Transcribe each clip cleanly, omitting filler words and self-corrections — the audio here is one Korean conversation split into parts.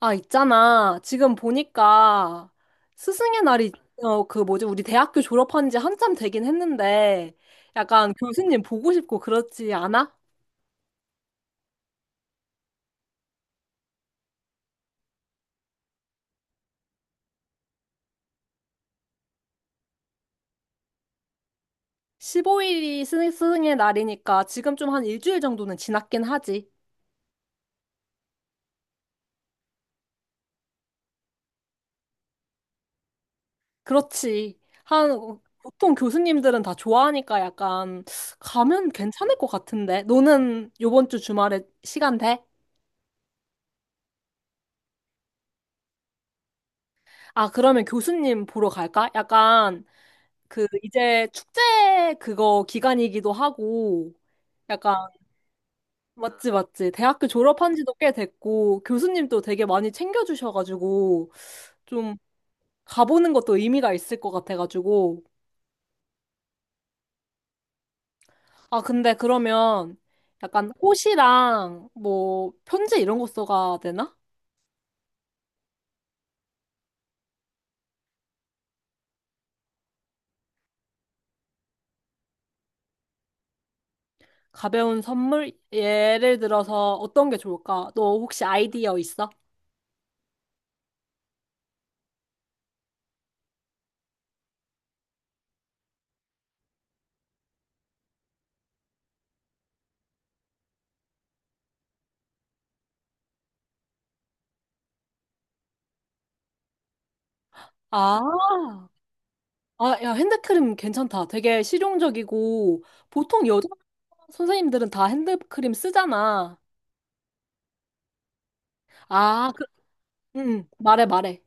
아, 있잖아. 지금 보니까 스승의 날이, 우리 대학교 졸업한 지 한참 되긴 했는데, 약간 교수님 보고 싶고 그렇지 않아? 15일이 스승의 날이니까 지금 좀 한 일주일 정도는 지났긴 하지. 그렇지. 보통 교수님들은 다 좋아하니까 약간 가면 괜찮을 것 같은데. 너는 요번 주 주말에 시간 돼? 아, 그러면 교수님 보러 갈까? 약간 그 이제 축제 그거 기간이기도 하고 약간 맞지 맞지 대학교 졸업한 지도 꽤 됐고 교수님도 되게 많이 챙겨주셔가지고 좀 가보는 것도 의미가 있을 것 같아가지고 아 근데 그러면 약간 옷이랑 뭐 편지 이런 거 써가 되나? 가벼운 선물 예를 들어서 어떤 게 좋을까? 너 혹시 아이디어 있어? 아 아, 야, 핸드크림 괜찮다. 되게 실용적이고, 보통 여자 선생님들은 다 핸드크림 쓰잖아. 아, 그, 응, 말해.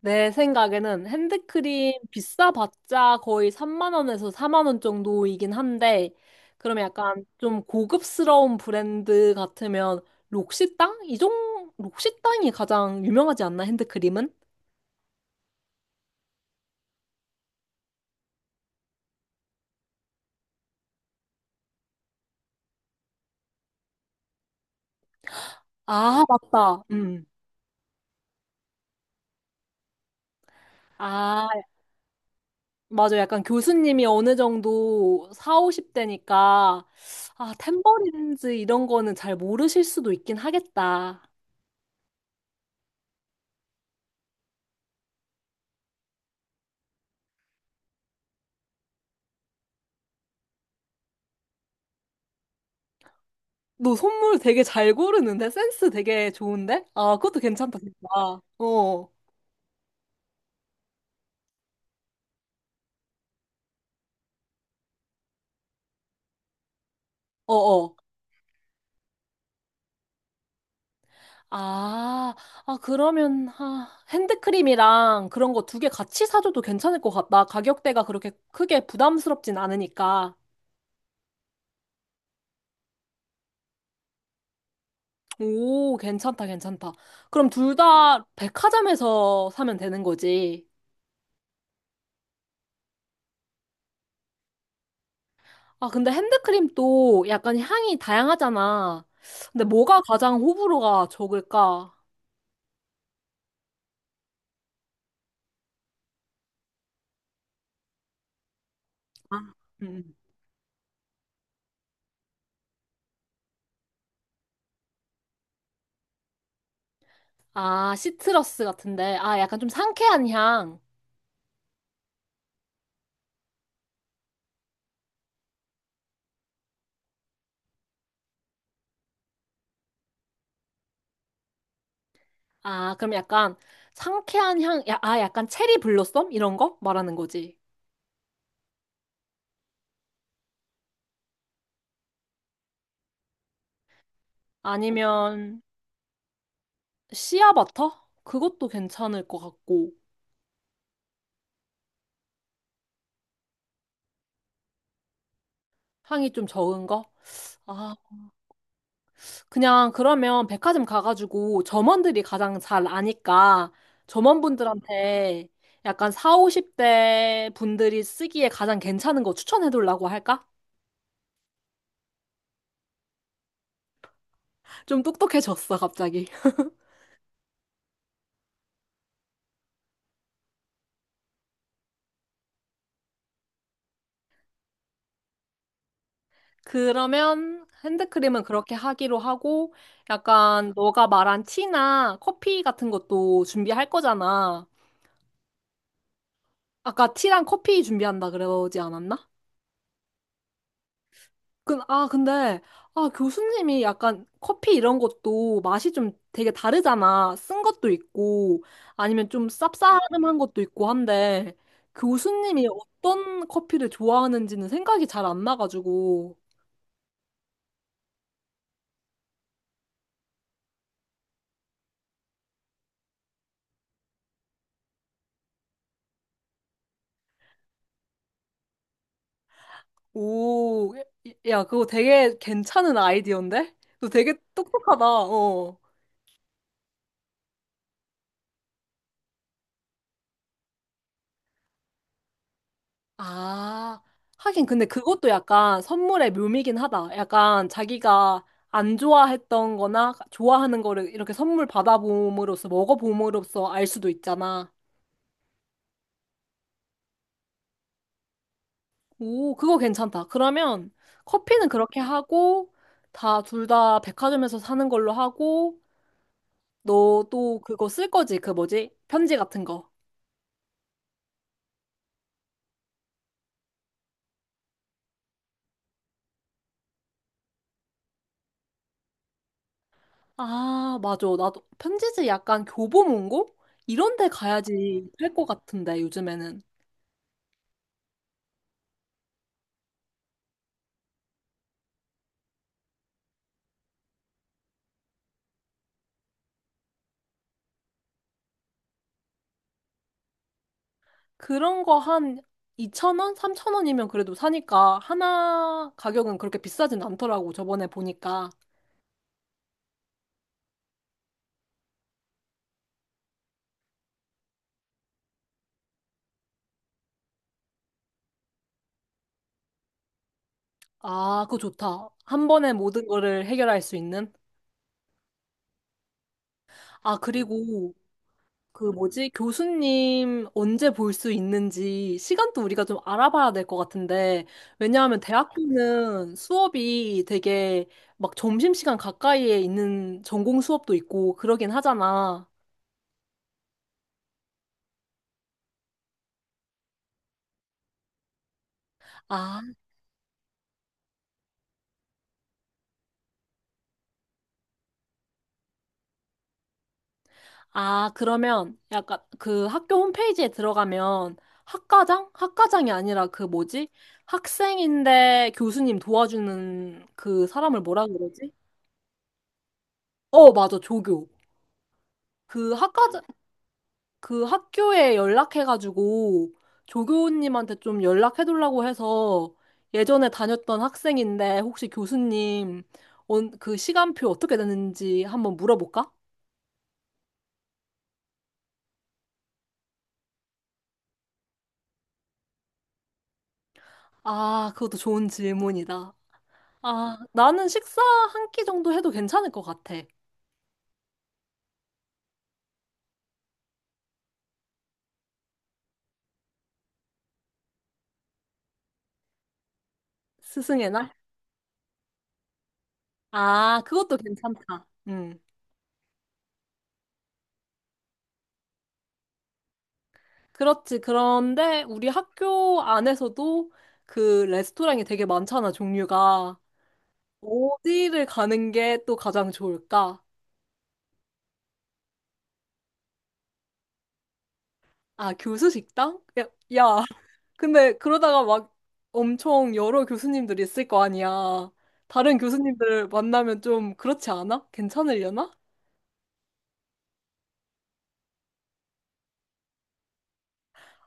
내 생각에는 핸드크림 비싸봤자 거의 3만 원에서 4만 원 정도이긴 한데, 그러면 약간 좀 고급스러운 브랜드 같으면 록시땅? 록시땅이 가장 유명하지 않나, 핸드크림은? 아, 맞다. 음. 아. 맞아. 약간 교수님이 어느 정도 4, 50대니까, 아, 탬버린즈 이런 거는 잘 모르실 수도 있긴 하겠다. 너 선물 되게 잘 고르는데? 센스 되게 좋은데? 아, 그것도 괜찮다, 진짜. 어, 어. 아, 아, 그러면, 아, 핸드크림이랑 그런 거 두 개 같이 사줘도 괜찮을 것 같다. 가격대가 그렇게 크게 부담스럽진 않으니까. 오, 괜찮다. 그럼 둘 다 백화점에서 사면 되는 거지. 아, 근데 핸드크림도 약간 향이 다양하잖아. 근데 뭐가 가장 호불호가 적을까? 아, 음. 아, 시트러스 같은데. 아, 약간 좀 상쾌한 향. 아, 그럼 약간 상쾌한 향, 야, 아, 약간 체리 블로썸? 이런 거 말하는 거지. 아니면 씨앗버터? 그것도 괜찮을 것 같고. 향이 좀 적은 거? 아, 그냥 그러면 백화점 가가지고 점원들이 가장 잘 아니까 점원분들한테 약간 4, 50대 분들이 쓰기에 가장 괜찮은 거 추천해달라고 할까? 좀 똑똑해졌어, 갑자기. 그러면 핸드크림은 그렇게 하기로 하고 약간 너가 말한 티나 커피 같은 것도 준비할 거잖아. 아까 티랑 커피 준비한다 그러지 않았나? 그 아, 근데, 아, 교수님이 약간 커피 이런 것도 맛이 좀 되게 다르잖아. 쓴 것도 있고, 아니면 좀 쌉싸름한 것도 있고 한데, 교수님이 어떤 커피를 좋아하는지는 생각이 잘 안 나가지고, 오, 야, 그거 되게 괜찮은 아이디어인데? 너 되게 똑똑하다, 어. 아, 하긴 근데 그것도 약간 선물의 묘미긴 하다. 약간 자기가 안 좋아했던 거나 좋아하는 거를 이렇게 선물 받아봄으로써 먹어봄으로써 알 수도 있잖아. 오, 그거 괜찮다. 그러면 커피는 그렇게 하고 다 둘 다 백화점에서 사는 걸로 하고 너 또 그거 쓸 거지? 그 뭐지? 편지 같은 거. 아, 맞아. 나도 편지지 약간 교보문고? 이런 데 가야지 할 것 같은데 요즘에는. 그런 거 한 2,000원? 3,000원이면 그래도 사니까 하나 가격은 그렇게 비싸진 않더라고. 저번에 보니까. 아, 그거 좋다. 한 번에 모든 거를 해결할 수 있는. 아, 그리고 그 뭐지? 교수님 언제 볼 수 있는지 시간도 우리가 좀 알아봐야 될 것 같은데. 왜냐하면 대학교는 수업이 되게 막 점심시간 가까이에 있는 전공 수업도 있고 그러긴 하잖아. 아, 아, 그러면 약간 그 학교 홈페이지에 들어가면 학과장? 학과장이 아니라 그 뭐지? 학생인데 교수님 도와주는 그 사람을 뭐라 그러지? 어, 맞아, 조교. 그 학과장, 그 학교에 연락해가지고 조교님한테 좀 연락해달라고 해서 예전에 다녔던 학생인데 혹시 교수님 그 시간표 어떻게 되는지 한번 물어볼까? 아, 그것도 좋은 질문이다. 아, 나는 식사 한 끼 정도 해도 괜찮을 것 같아. 스승의 날? 아, 그것도 괜찮다. 음. 그렇지. 그런데 우리 학교 안에서도 그 레스토랑이 되게 많잖아, 종류가. 어디를 가는 게 또 가장 좋을까? 아, 교수 식당? 야, 야. 근데 그러다가 막 엄청 여러 교수님들이 있을 거 아니야. 다른 교수님들 만나면 좀 그렇지 않아? 괜찮으려나?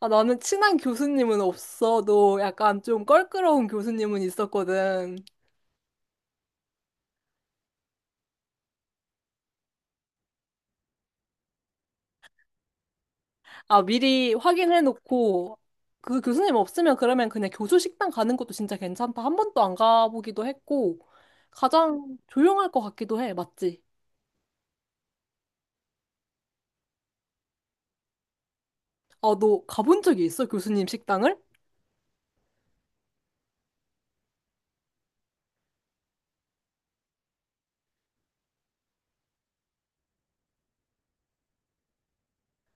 아, 나는 친한 교수님은 없어도 약간 좀 껄끄러운 교수님은 있었거든. 아, 미리 확인해놓고 그 교수님 없으면 그러면 그냥 교수 식당 가는 것도 진짜 괜찮다. 한 번도 안 가보기도 했고 가장 조용할 것 같기도 해. 맞지? 아, 너 가본 적이 있어? 교수님 식당을?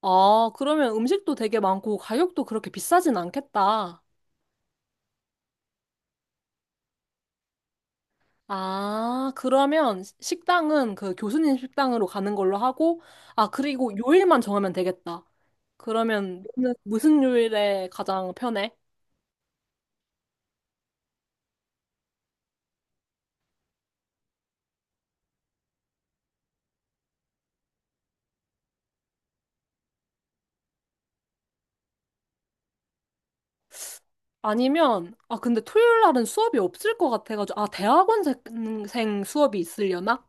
아, 그러면 음식도 되게 많고 가격도 그렇게 비싸진 않겠다. 아, 그러면 식당은 그 교수님 식당으로 가는 걸로 하고, 아, 그리고 요일만 정하면 되겠다. 그러면 너는 무슨 요일에 가장 편해? 아니면, 아, 근데 토요일 날은 수업이 없을 것 같아가지고, 아, 대학원생 수업이 있으려나?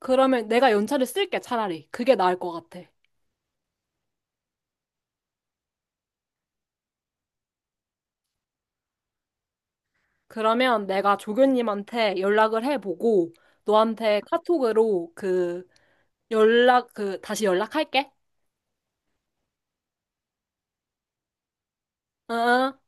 그러면 내가 연차를 쓸게, 차라리. 그게 나을 것 같아. 그러면 내가 조교님한테 연락을 해보고, 너한테 카톡으로 그 다시 연락할게. 응? 응.